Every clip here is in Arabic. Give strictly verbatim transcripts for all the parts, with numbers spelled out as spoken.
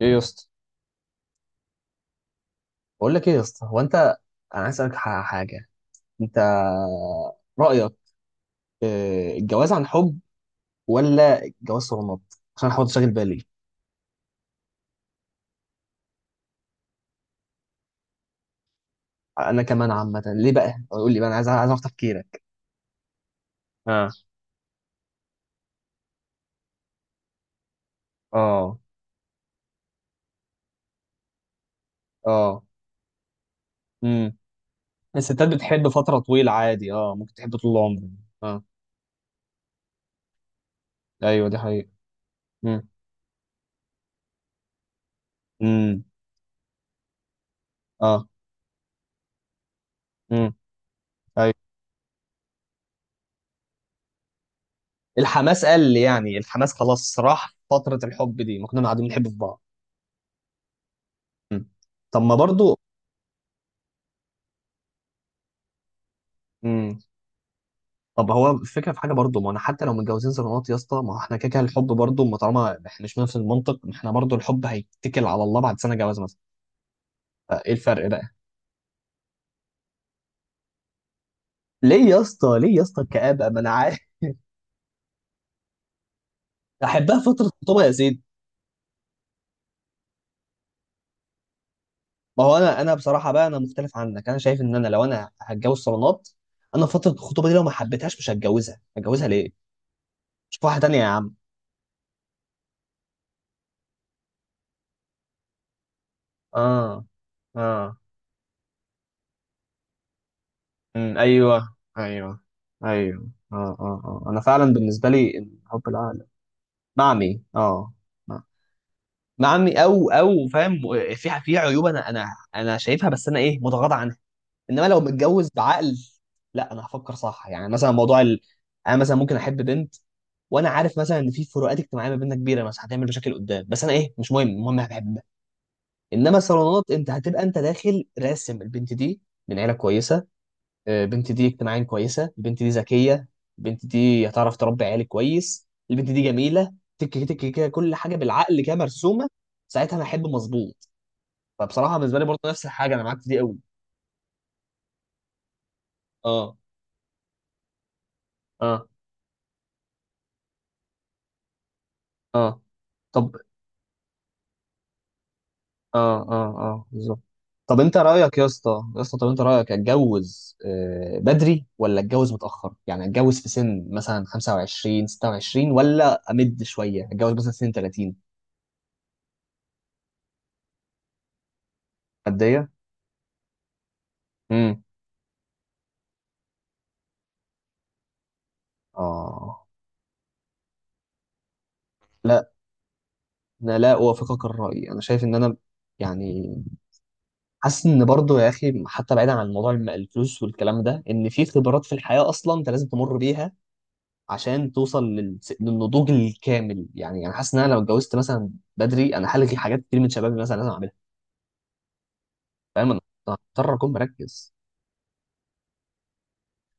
ايه يا اسطى بقول لك ايه يا اسطى هو انت انا عايز اسالك ح- حاجه انت رايك آه، الجواز عن حب ولا الجواز صالونات؟ عشان حاول تشغل بالي انا كمان عامه ليه بقى قول لي بقى انا عايز عايز اعرف تفكيرك. اه اه اه امم. الستات بتحب فتره طويله عادي، اه ممكن تحب طول العمر. اه ايوه دي حقيقه. امم امم اه امم ايوه. الحماس قل يعني الحماس خلاص راح، فتره الحب دي ما كنا قاعدين بنحب في بعض. مم. طب ما برضو امم، طب هو الفكره في حاجه برضه، ما انا حتى لو متجوزين صالونات يا اسطى، ما هو احنا كده كده الحب برضه، ما طالما احنا مش نفس المنطق ما احنا برضه الحب هيتكل على الله بعد سنه جواز مثلا، فايه الفرق بقى؟ ليه يا اسطى ليه يا اسطى الكآبه، ما انا عارف. احبها فتره الخطوبه يا زيد. ما هو انا انا بصراحه بقى، انا مختلف عنك، انا شايف ان انا لو انا هتجوز صالونات انا فتره الخطوبه دي لو ما حبيتهاش مش هتجوزها، هتجوزها ليه؟ شوف واحده تانيه يا عم. اه اه امم ايوه ايوه ايوه اه اه اه. انا فعلا بالنسبه لي الحب العقل. مع عمي اه، مع مع عمي او او فاهم. في في عيوب انا انا انا شايفها، بس انا ايه متغاضى عنها، انما لو متجوز بعقل لا انا هفكر صح. يعني مثلا موضوع ال... انا مثلا ممكن احب بنت وانا عارف مثلا ان في فروقات اجتماعيه ما بيننا كبيره مثلا هتعمل مشاكل قدام، بس انا ايه مش مهم، المهم انا بحبها. انما الصالونات انت هتبقى انت داخل راسم البنت دي من عيله كويسه، البنت دي اجتماعيا كويسه، البنت دي ذكيه، البنت دي هتعرف تربي عيالي كويس، البنت دي جميله، تك تك كده كل حاجه بالعقل كده مرسومه. ساعتها انا احب مظبوط. فبصراحه بالنسبه لي برضه نفس الحاجه، انا معاك في دي قوي. اه اه اه طب اه اه اه بالظبط. طب انت رايك يا اسطى يا اسطى، طب انت رايك اتجوز آه، بدري ولا اتجوز متاخر؟ يعني اتجوز في سن مثلا خمسة وعشرين ستة وعشرين ولا امد شويه اتجوز مثلا سن ثلاثين؟ قد ايه امم اه لا. انا لا اوافقك الراي، انا شايف ان انا يعني حاسس ان برضو يا اخي، حتى بعيدا عن موضوع الم- الفلوس والكلام ده، ان في خبرات في الحياه اصلا انت لازم تمر بيها عشان توصل لل- للنضوج الكامل. يعني انا حاسس ان انا لو اتجوزت مثلا بدري انا هلغي حاجات كتير من شبابي مثلا لازم اعملها، فاهم انا؟ أنا هضطر اكون مركز،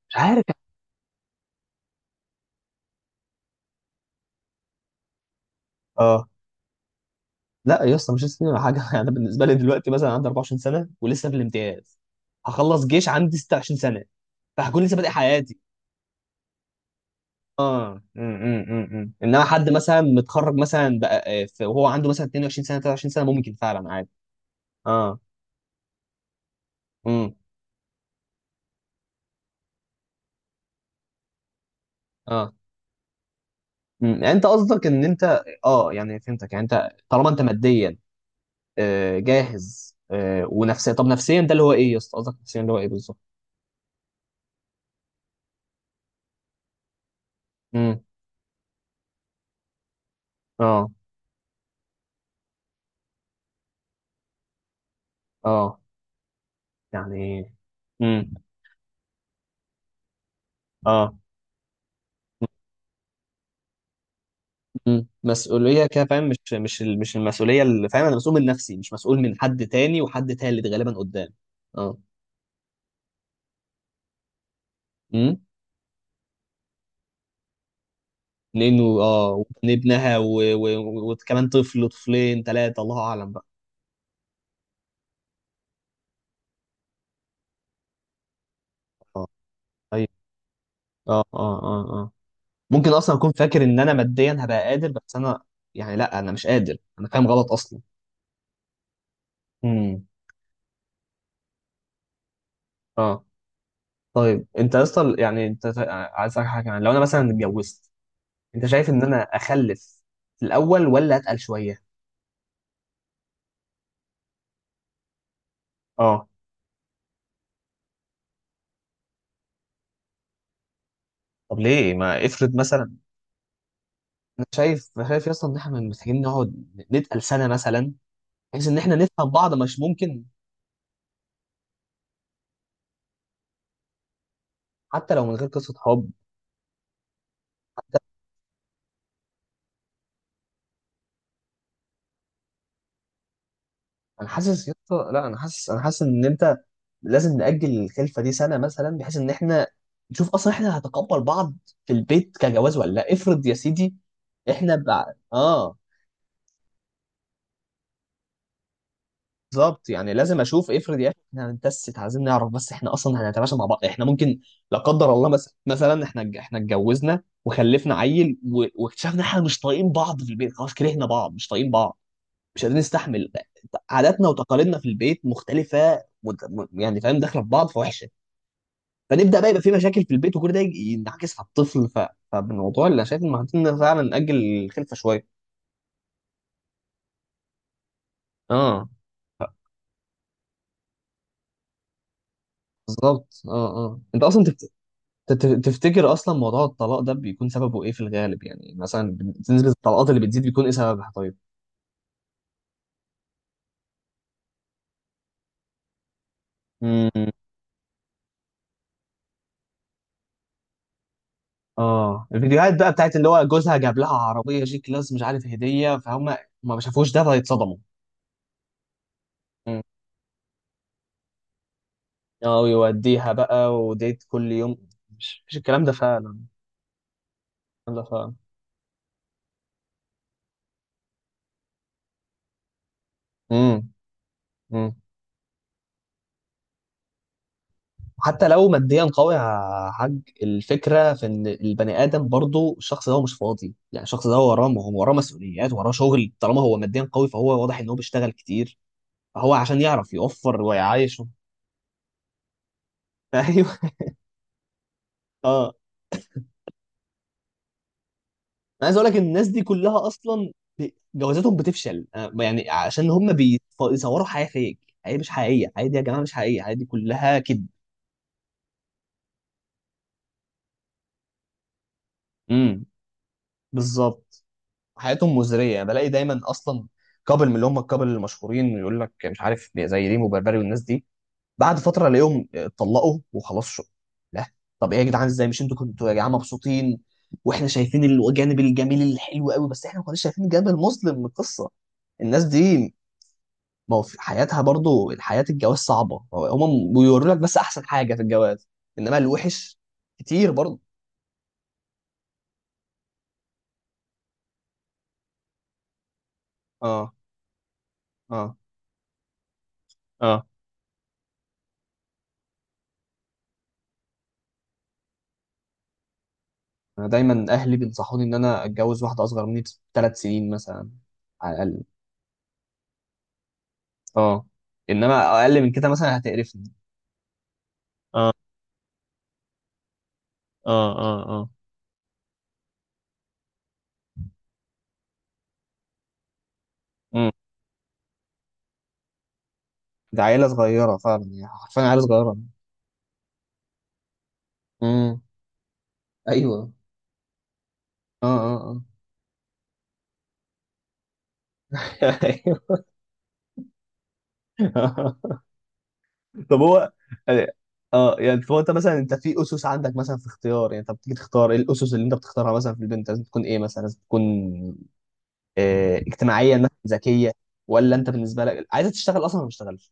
مش عارف. اه لا يا اسطى مش هستنى ولا حاجه. انا بالنسبه لي دلوقتي مثلا عندي أربعة وعشرين سنة سنه ولسه في الامتياز، هخلص جيش عندي ست وعشرين سنة سنه، فهكون لسه بادئ حياتي. اه امم امم امم. انما حد مثلا متخرج مثلا بقى آه، في- وهو عنده مثلا اتنين وعشرين سنة سنه ثلاث وعشرين سنة سنه ممكن فعلا عادي. اه امم اه امم. يعني انت قصدك ان انت اه يعني فهمتك، يعني انت طالما انت ماديا آه جاهز آه ونفسيا، طب نفسيا ده اللي هو ايه يا اسطى؟ قصدك نفسيا اللي هو ايه بالظبط؟ امم اه اه يعني امم اه امم. مسؤوليه كده فاهم، مش مش ال- مش المسؤوليه اللي فاهم، انا مسؤول من نفسي، مش مسؤول من حد تاني وحد تالت غالبا قدام. اه لانه اه وكان ابنها و- و- وكمان طفل طفلين ثلاثه الله اعلم بقى. اه ايوه اه اه اه اه. ممكن اصلا اكون فاكر ان انا ماديا هبقى قادر، بس انا يعني لا انا مش قادر، انا فاهم غلط اصلا. امم اه. طيب انت اصلا يعني، انت عايز اسالك حاجه، يعني لو انا مثلا اتجوزت، انت شايف ان انا اخلف في الاول ولا اتقل شويه؟ اه طب ليه ما افرض مثلا؟ انا شايف شايف اصلا ان احنا محتاجين نقعد، نتقل سنه مثلا، بحيث ان احنا نفهم بعض، مش ممكن حتى لو من غير قصه حب؟ حتى انا حاسس يا اسطى، لا انا حاسس انا حاسس ان انت لازم نأجل الخلفه دي سنه مثلا، بحيث ان احنا نشوف اصلا احنا هنتقبل بعض في البيت كجواز ولا لا. افرض يا سيدي احنا بقى اه بالظبط، يعني لازم اشوف، افرض يا اخي احنا هنتست عايزين نعرف بس احنا اصلا هنتماشى مع بعض، احنا ممكن لا قدر الله مثلا، مثلا احنا احنا اتجوزنا وخلفنا عيل و- واكتشفنا احنا مش طايقين بعض في البيت، خلاص كرهنا بعض مش طايقين بعض، مش قادرين نستحمل، عاداتنا وتقاليدنا في البيت مختلفه مت- م- يعني فاهم، داخله في بعض فوحشه، فنبدا بقى يبقى في مشاكل في البيت، وكل ده يجي- ينعكس على الطفل، ف... فالموضوع اللي انا شايف ان محتاجين فعلا ناجل الخلفه شويه. اه بالظبط اه اه. انت اصلا تفت... تت- تفتكر اصلا موضوع الطلاق ده بيكون سببه ايه في الغالب؟ يعني مثلا نسبه الطلاقات اللي بتزيد بيكون ايه سببها طيب؟ امم اه. الفيديوهات بقى بتاعت اللي هو جوزها جاب لها عربيه جي كلاس مش عارف هديه، فهم ما شافوش ده فيتصدموا. اه ويوديها بقى، وديت كل يوم. مش مش الكلام ده فعلا، الكلام ده فعلا. امم امم. حتى لو ماديا قوي يا حاج، الفكره في ان البني ادم برضو الشخص ده هو مش فاضي، يعني الشخص ده هو وراه هو وراه مسؤوليات، وراه شغل، طالما هو ماديا قوي فهو واضح ان هو بيشتغل كتير، فهو عشان يعرف يوفر ويعايشه. ايوه اه. انا عايز اقول لك الناس دي كلها اصلا ب- جوازاتهم بتفشل، آه، يعني عشان هم بيصوروا حياه فيك، حياه مش حقيقيه، حياه دي يا جماعه مش حقيقيه، الحياه دي كلها كذب. امم بالظبط. حياتهم مزريه، يعني بلاقي دايما اصلا كابل من اللي هم الكابل المشهورين يقول لك مش عارف زي ريم وبربري والناس دي، بعد فتره الاقيهم اتطلقوا وخلاص، شو لا. طب ايه يا جدعان، ازاي؟ مش انتوا كنتوا يا جماعه مبسوطين؟ واحنا شايفين الجانب الجميل الحلو قوي، بس احنا ما كناش شايفين الجانب المظلم من القصه. الناس دي ما هو في حياتها برضو الحياه، الجواز صعبه، هم بيوروا لك بس احسن حاجه في الجواز، انما الوحش كتير برضو. اه اه اه. انا دايما اهلي بينصحوني ان انا اتجوز واحده اصغر مني بثلاث سنين مثلا على الاقل. اه انما اقل من كده مثلا هتقرفني. اه اه اه اه امم. ده عيله صغيره فعلا يعني، حرفيا عيله صغيره. امم ايوه اه اه اه. أيوة. طب هو يعني، اه يعني هو انت مثلا انت في اسس عندك مثلا في اختيار، يعني انت بتيجي تختار ايه الاسس اللي انت بتختارها مثلا في البنت؟ لازم تكون ايه مثلا؟ لازم تكون آه، اجتماعيا مثلا ذكيه، ولا انت بالنسبه لك عايزه تشتغل اصلا ولا ما تشتغلش؟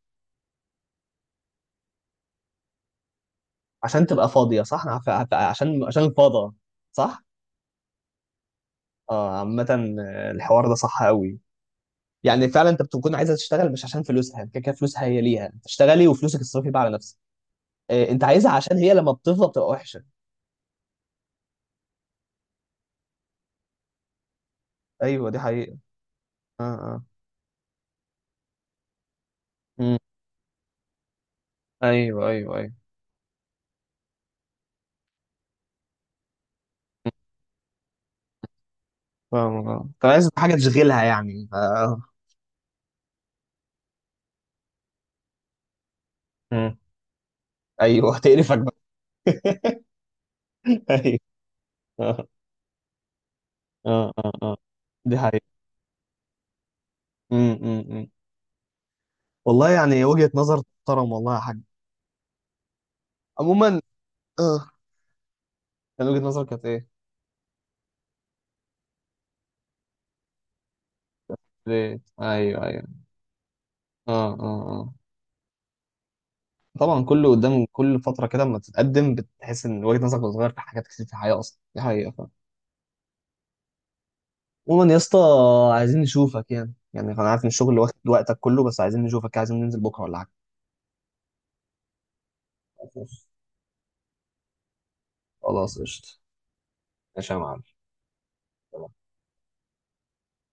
عشان تبقى فاضية صح؟ أنا عارف- عارف- عشان عشان الفاضة صح؟ اه عامة آه، الحوار ده صح قوي. يعني فعلا انت بتكون عايزة تشتغل مش عشان فلوسها، كده كده فلوسها هي ليها تشتغلي وفلوسك تصرفي بقى على نفسك. آه، انت عايزها عشان هي لما بتفضى بتبقى وحشة. ايوه دي حقيقة. اه اه مم. ايوه ايوه ايوه. مم. فاهم آه. انت عايز حاجة تشغلها يعني آه. مم. ايوه تقرفك بقى. ايوه اه اه اه آه. دي حقيقة. م- م- م. والله يعني وجهة نظر محترم، والله يا حاج. عموما اه، كان وجهة نظرك كانت ايه؟ ليه؟ ايوه ايوه اه اه اه. طبعا كل قدام كل فتره كده اما تتقدم بتحس ان وجهة نظرك بتتغير في حاجات كتير في الحياه اصلا، دي حقيقه فعلا. عموما يا اسطى عايزين نشوفك، يعني يعني انا عارف ان الشغل واخد وقتك كله، بس عايزين نشوفك، عايزين ننزل بكره ولا حاجه. خلاص قشطه. ماشي يا معلم.